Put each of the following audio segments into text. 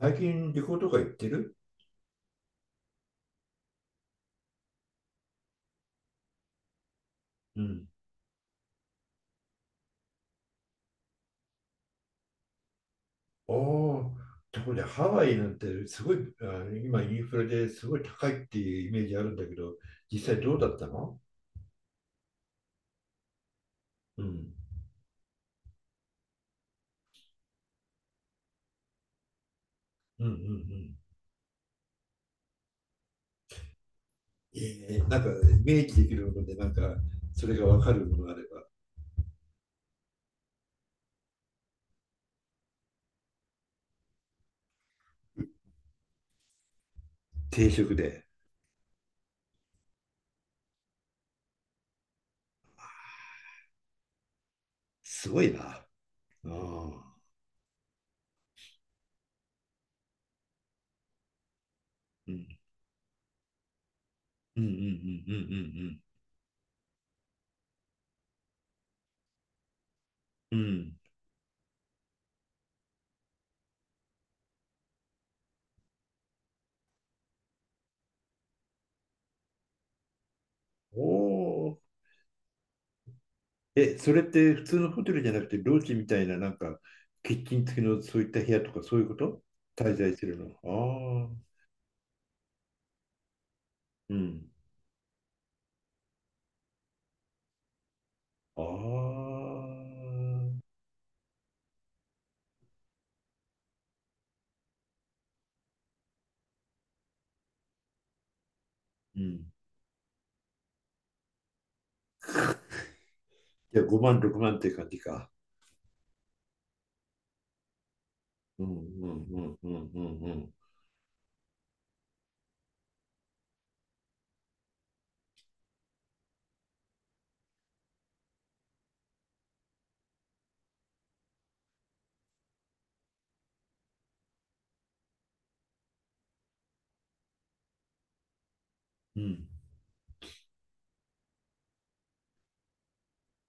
最近旅行とか行ってる？うん。ああ、ところでハワイなんてすごい、今インフレですごい高いっていうイメージあるんだけど、実際どうだったの？うん。うんうんうん。えー、なんかイメージできるもので、なんかそれがわかるものがあれば。定食で。すごいな。ああ。うんうんうんうんうんうんうん。うん。お。え、それって普通のホテルじゃなくて、ロージみたいな、なんか、キッチン付きのそういった部屋とか、そういうこと滞在するの？ああ、うん。ああ、うん。じゃあ5万、6万って感じか。うんうんうんうんうんうん。うん。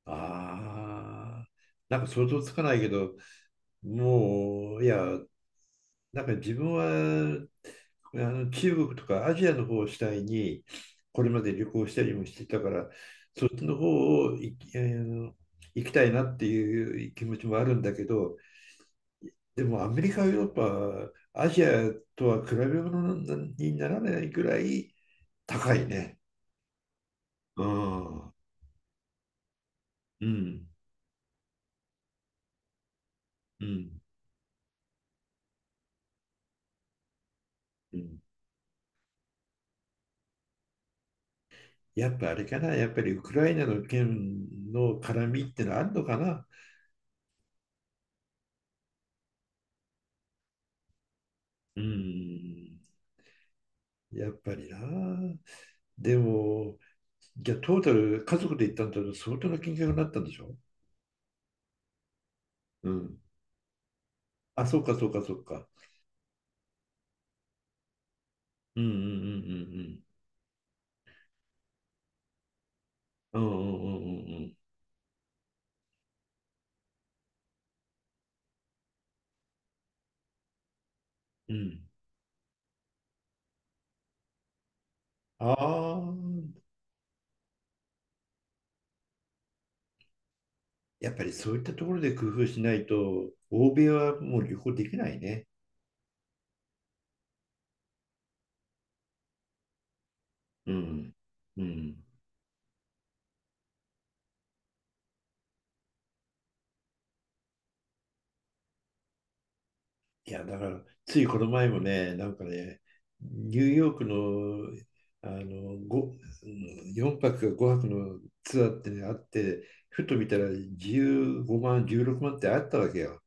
ああ、なんか想像つかないけど、もう、いや、なんか自分はあの中国とかアジアの方を主体にこれまで旅行したりもしてたからそっちの方を行き、行きたいなっていう気持ちもあるんだけど、でもアメリカヨーロッパアジアとは比べ物にならないぐらい高いね。うんうんうんうん。やっぱあれかな、やっぱりウクライナの件の絡みってのはあるのかな。うん。やっぱりな。でも、じゃあトータル、家族で行ったんだと相当な金額になったんでしょ？うん。あ、そうかそうかそうか。うんうんうんうんうん。うんうんうんうんうん。うん。ああー。やっぱりそういったところで工夫しないと、欧米はもう旅行できないね。うん。うん。いや、だから、ついこの前もね、なんかね、ニューヨークの、あの、ご4泊か5泊のツアーってね、あって、ふと見たら15万、16万ってあったわけよ。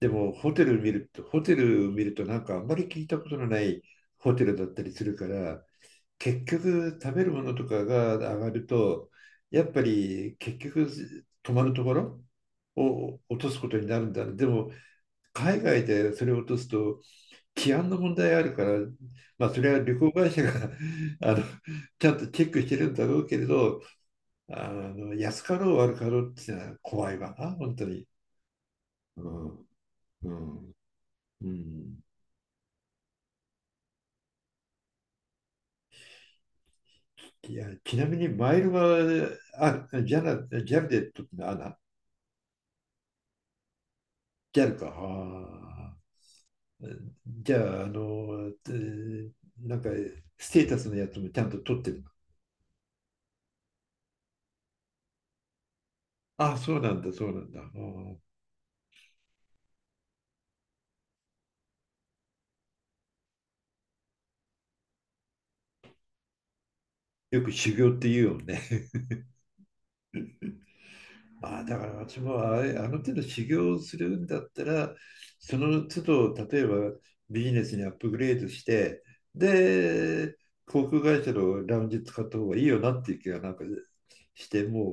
でも、ホテル見ると、なんかあんまり聞いたことのないホテルだったりするから、結局食べるものとかが上がると、やっぱり結局泊まるところを落とすことになるんだ。でも、海外でそれを落とすと、治安の問題があるから、まあ、それは旅行会社が あのちゃんとチェックしてるんだろうけれど、あの安かろう悪かろうっていうのは怖いわな、本当に。うんうんうん。いや、ちなみにマイルは、あ、ジャナ、ジャルで時のアナ、ジャルか。あー、じゃあ、あの、なんか、ステータスのやつもちゃんと取ってるの？あ、そうなんだ、そうなんだ。あー。よく修行って言うよね。ああ、だから私もあれ、あの手の修行をするんだったら、その都度、例えばビジネスにアップグレードして、で、航空会社のラウンジ使った方がいいよなっていう気がなんかして、もう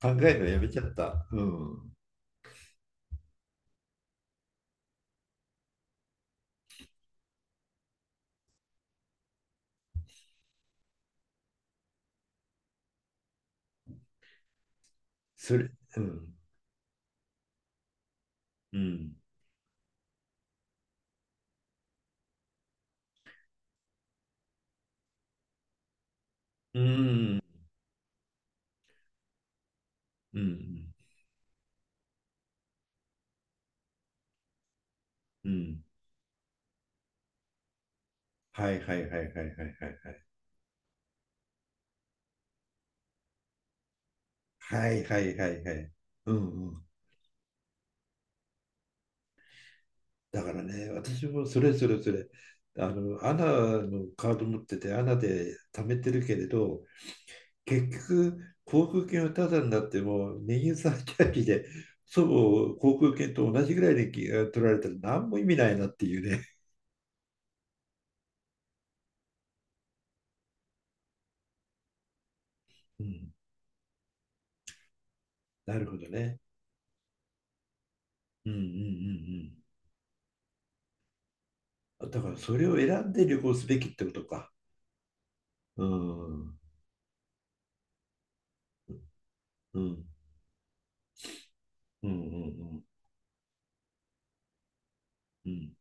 考えるのやめちゃった。うん。それ、うん。うん。うん。うん。うん。はいはいはいはいはいはい。はいはいはいはい。うんうん。だからね、私もそれそれそれ、あの、アナのカード持ってて、アナで貯めてるけれど、結局、航空券はタダになっても、燃油サーチャージで、祖母航空券と同じぐらいでき取られたら何も意味ないなっていうね。うん、なるほどね。うんうんうんうん。だからそれを選んで旅行すべきってことか。うん。うんうんうんうんうん。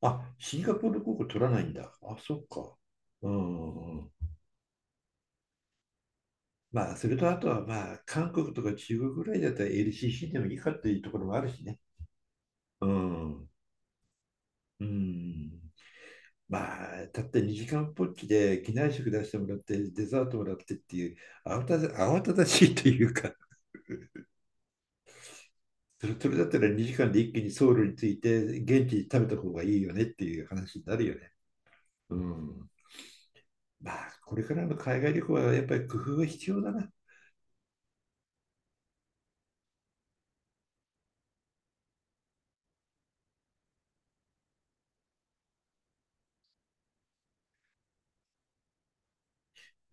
あ、シンガポール航空取らないんだ。あ、そっか。うんうんうん。まあ、それとあとは、まあ、韓国とか中国ぐらいだったら LCC でもいいかっていうところもあるしね。うん。うん。まあ、たった2時間ぽっきで機内食出してもらって、デザートもらってっていう、慌ただしいというか、それ、それだったら2時間で一気にソウルに着いて、現地で食べた方がいいよねっていう話になるよね。うん。まあ、これからの海外旅行はやっぱり工夫が必要だな。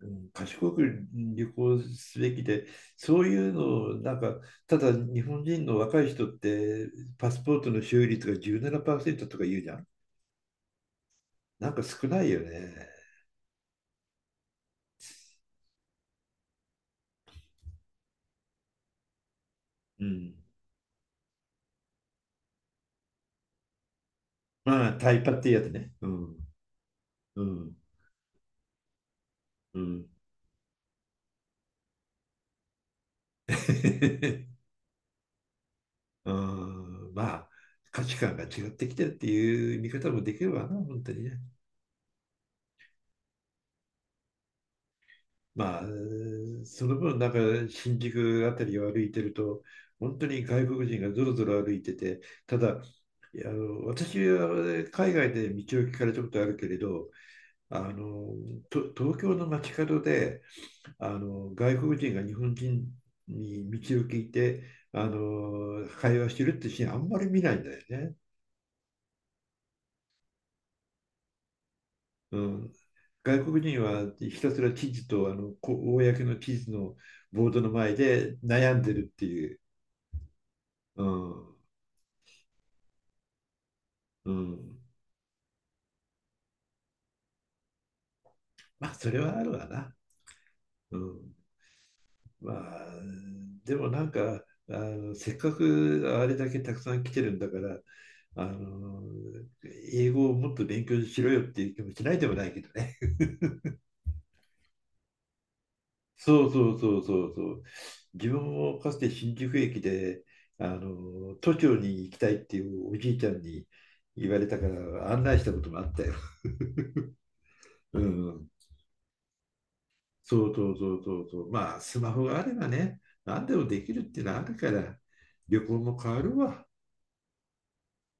うん。賢く旅行すべきで、そういうのをなんか、ただ日本人の若い人って、パスポートの所有率が17%とか言うじゃん。なんか少ないよね。うん。まあ、タイパっていうやつね。うん。うん。うん。うん。まあ、価値観が違ってきてるっていう見方もできるわな、本当にね。まあ、その分、なんか新宿あたりを歩いてると、本当に外国人がぞろぞろ歩いてて、ただ、いや、あの、私は海外で道を聞かれたことあるけれど、あの、東京の街角で、あの、外国人が日本人に道を聞いて、あの、会話してるってシーンあんまり見ないんだよね。うん。外国人はひたすら地図と、あの、公の地図のボードの前で悩んでるっていう。うん。うん。まあ、それはあるわな。うん。まあ、でもなんか、あの、せっかくあれだけたくさん来てるんだから、あの、英語をもっと勉強しろよっていう気もしないでもないけどね。そうそうそうそうそう。自分もかつて新宿駅で、あの、都庁に行きたいっていうおじいちゃんに言われたから案内したこともあったよ。うん。そうそうそうそうそう。まあ、スマホがあればね、何でもできるっていうのはあるから、旅行も変わるわ。